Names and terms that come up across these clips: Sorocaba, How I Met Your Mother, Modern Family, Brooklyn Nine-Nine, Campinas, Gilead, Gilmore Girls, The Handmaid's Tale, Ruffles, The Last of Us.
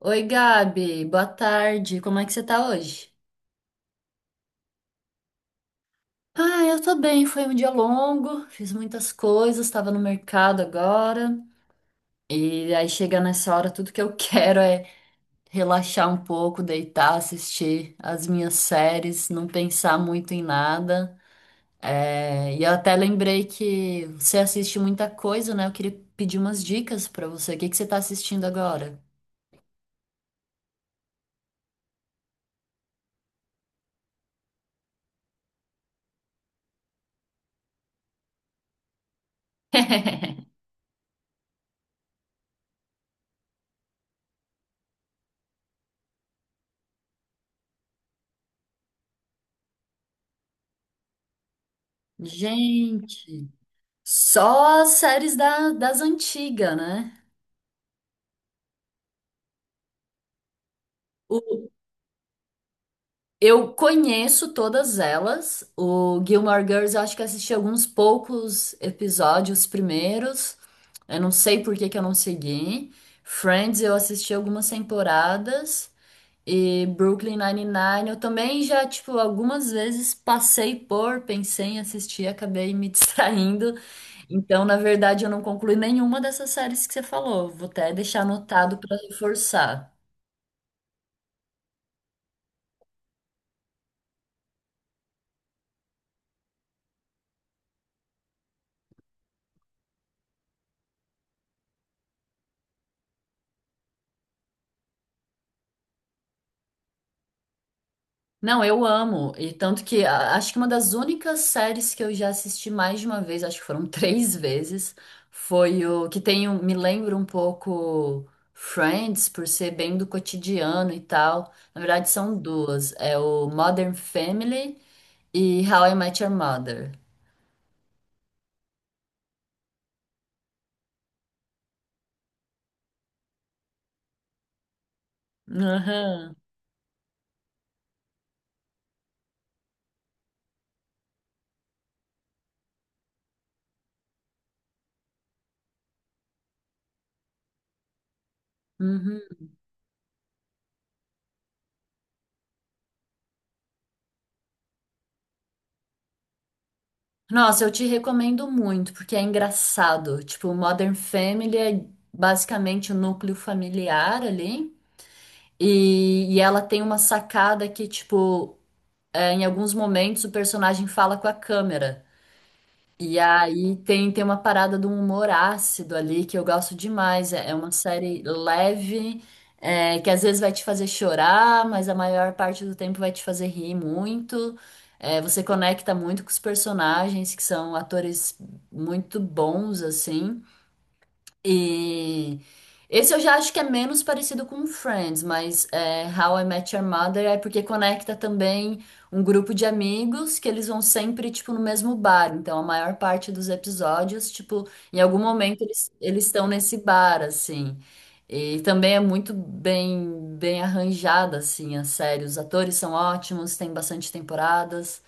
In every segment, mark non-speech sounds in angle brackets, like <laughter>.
Oi, Gabi, boa tarde. Como é que você tá hoje? Ah, eu tô bem. Foi um dia longo, fiz muitas coisas, tava no mercado agora. E aí chega nessa hora, tudo que eu <laughs> quero é relaxar um pouco, deitar, assistir as minhas séries, não pensar muito em nada. É, e eu até lembrei que você assiste muita coisa, né? Eu queria pedir umas dicas pra você. O que que você tá assistindo agora? <laughs> Gente. Só as séries da, das antigas, né? O- eu conheço todas elas. O Gilmore Girls, eu acho que assisti alguns poucos episódios primeiros. Eu não sei por que que eu não segui. Friends, eu assisti algumas temporadas. E Brooklyn Nine-Nine, eu também já, tipo, algumas vezes passei por, pensei em assistir, acabei me <laughs> distraindo. Então, na verdade, eu não concluí nenhuma dessas séries que você falou. Vou até deixar anotado para reforçar. Não, eu amo. E tanto que acho que uma das únicas séries que eu já assisti mais de uma vez, acho que foram <laughs> três vezes, foi o que tem, me lembra um pouco Friends, por ser bem do cotidiano e tal. Na verdade, são duas. É o Modern Family e How I Met Your Mother. Aham. Uhum. Nossa, eu te recomendo muito, porque é engraçado. Tipo, Modern Family é basicamente o núcleo familiar ali. E ela tem uma sacada que, tipo, é, em alguns momentos o personagem fala com a câmera. E aí tem, tem uma parada de um humor ácido ali que eu gosto demais. É, é uma série leve, é, que às vezes vai te fazer chorar, mas a maior parte do tempo vai te fazer rir muito. É, você conecta muito com os personagens, que são atores muito bons, assim. E esse eu já acho que é menos parecido com Friends, mas é, How I Met Your Mother é porque conecta também um grupo de amigos que eles vão sempre, tipo, no mesmo bar. Então, a maior parte dos episódios, tipo, em algum momento eles, eles estão nesse bar, assim. E também é muito bem, bem arranjada, assim, a série. Os atores são ótimos, tem bastante temporadas.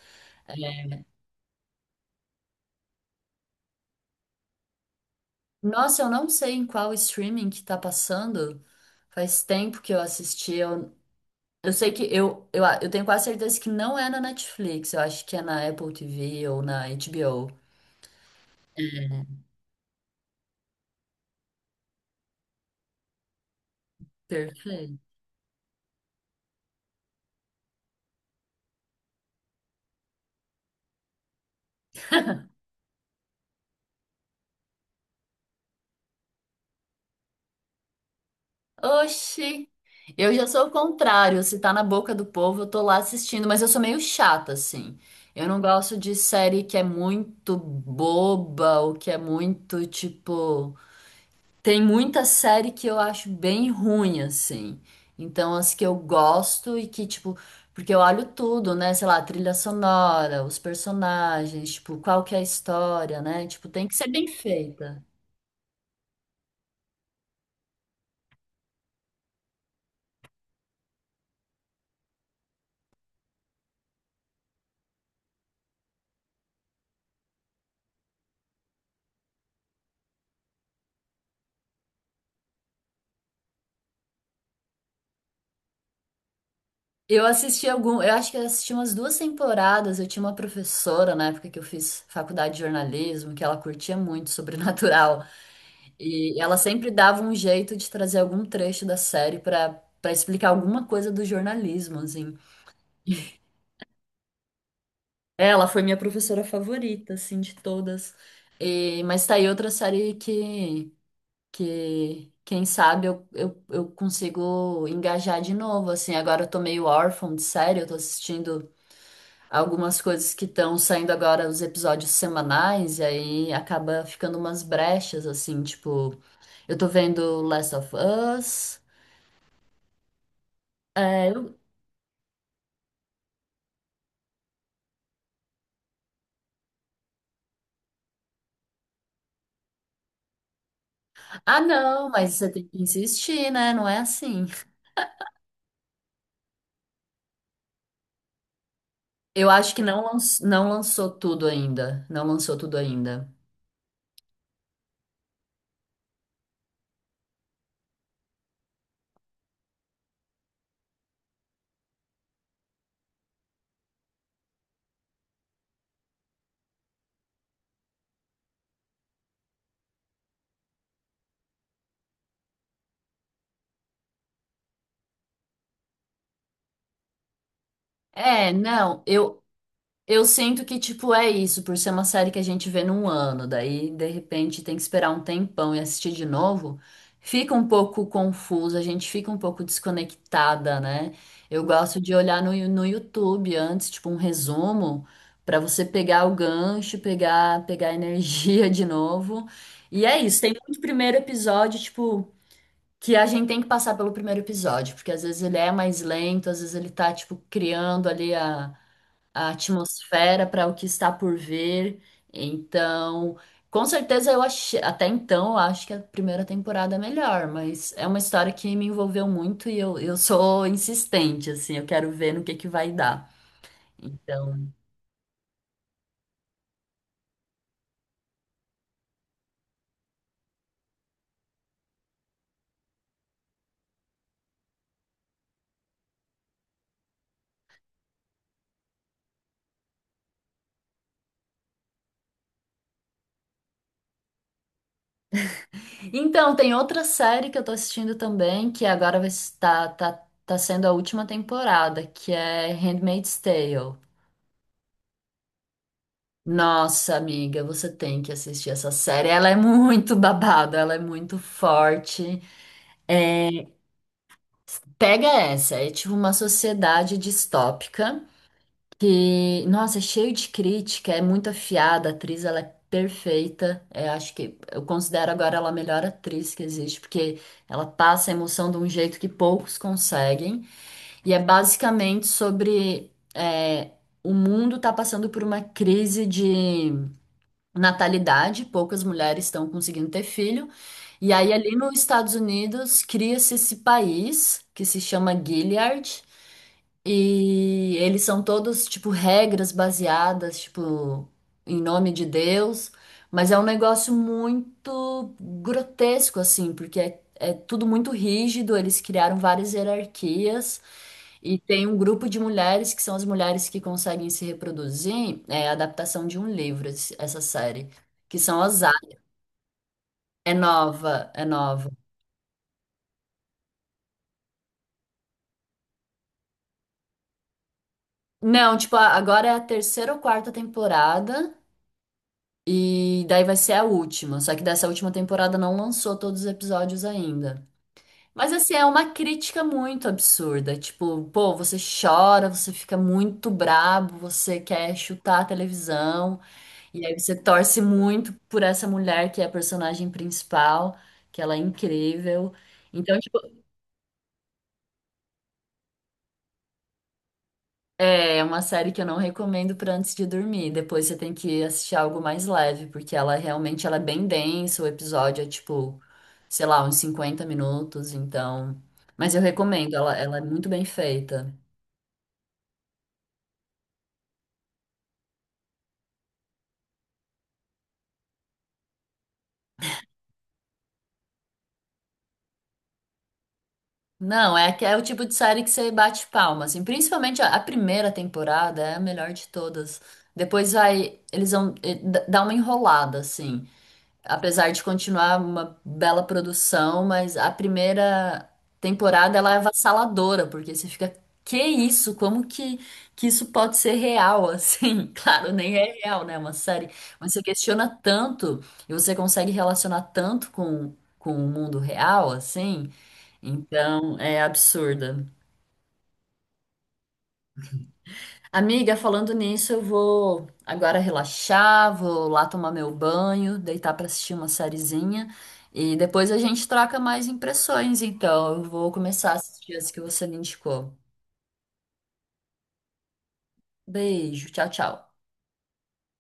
É. Nossa, eu não sei em qual streaming que tá passando. Faz tempo que eu assisti, eu sei que eu, eu tenho quase certeza que não é na Netflix, eu acho que é na Apple TV ou na HBO. Perfeito. Oxi! Eu já sou o contrário, se tá na boca do povo, eu tô lá assistindo, mas eu sou meio chata, assim. Eu não gosto de série que é muito boba ou que é muito, tipo. Tem muita série que eu acho bem ruim, assim. Então, as que eu gosto e que, tipo, porque eu olho tudo, né? Sei lá, a trilha sonora, os personagens, tipo, qual que é a história, né? Tipo, tem que ser bem feita. Eu assisti algum, eu acho que eu assisti umas duas temporadas. Eu tinha uma professora na época que eu fiz faculdade de jornalismo, que ela curtia muito sobrenatural. E ela sempre dava um jeito de trazer algum trecho da série para para explicar alguma coisa do jornalismo, assim. Ela foi minha professora favorita, assim, de todas. Mas tá aí outra série que quem sabe, eu consigo engajar de novo, assim. Agora eu tô meio órfã de série, eu tô assistindo algumas coisas que estão saindo agora, os episódios semanais, e aí acaba ficando umas brechas, assim, tipo. Eu tô vendo Last of Us. É, ah, não, mas você tem que insistir, né? Não é assim. Eu acho que não, não lançou tudo ainda. Não lançou tudo ainda. É, não, eu sinto que, tipo, é isso, por ser uma série que a gente vê num ano, daí, de repente, tem que esperar um tempão e assistir de novo, fica um pouco confuso, a gente fica um pouco desconectada, né? Eu gosto de olhar no, no YouTube antes, tipo, um resumo, pra você pegar o gancho, pegar, pegar a energia <laughs> de novo. E é isso, tem muito primeiro episódio, tipo. Que a gente tem que passar pelo primeiro episódio, porque às vezes ele é mais lento, às vezes ele tá, tipo, criando ali a atmosfera para o que está por vir. Então, com certeza eu achei, até então, eu acho que a primeira temporada é melhor, mas é uma história que me envolveu muito e eu sou insistente, assim, eu quero ver no que vai dar. Então, então, tem outra série que eu tô assistindo também, que agora vai estar, tá, tá sendo a última temporada, que é Handmaid's Tale. Nossa, amiga, você tem que assistir essa série. Ela é muito <laughs> babada, ela é muito forte. Pega essa, é tipo uma sociedade distópica que, nossa, é cheio de crítica, é muito afiada, a atriz ela é perfeita. Eu acho que eu considero agora ela a melhor atriz que existe, porque ela passa a emoção de um jeito que poucos conseguem. E é basicamente sobre é, o mundo tá passando por uma crise de natalidade, poucas mulheres estão conseguindo ter filho. E aí, ali nos Estados Unidos, cria-se esse país que se chama Gilead. E eles são todos, tipo, regras baseadas, tipo, em nome de Deus, mas é um negócio muito grotesco, assim, porque é, é tudo muito rígido, eles criaram várias hierarquias, e tem um grupo de mulheres que são as mulheres que conseguem se reproduzir, é a adaptação de um livro, essa série, que são as A. É nova, é nova. Não, tipo, agora é a terceira ou quarta temporada. E daí vai ser a última. Só que dessa última temporada não lançou todos os episódios ainda. Mas assim, é uma crítica muito absurda. Tipo, pô, você chora, você fica muito brabo, você quer chutar a televisão, e aí você torce muito por essa mulher que é a personagem principal, que ela é incrível. Então, tipo, é, é uma série que eu não recomendo para antes de dormir. Depois você tem que assistir algo mais leve, porque ela realmente ela é bem densa, o episódio é tipo, sei lá, uns 50 minutos, então. Mas eu recomendo, ela é muito bem feita. Não, é, é o tipo de série que você bate palma, assim. Principalmente a primeira temporada é a melhor de todas. Depois vai, eles vão dar uma enrolada, assim. Apesar de continuar uma bela produção, mas a primeira temporada ela é avassaladora, porque você fica, que isso? Como que isso pode ser real <laughs> assim? Claro, nem é real, né? É uma série, mas você questiona tanto e você consegue relacionar tanto com o mundo real assim. Então, é absurda. Amiga, falando nisso, eu vou agora relaxar, vou lá tomar meu banho, deitar pra assistir uma sériezinha e depois a gente troca mais impressões. Então, eu vou começar a assistir as que você me indicou. Beijo, tchau, tchau.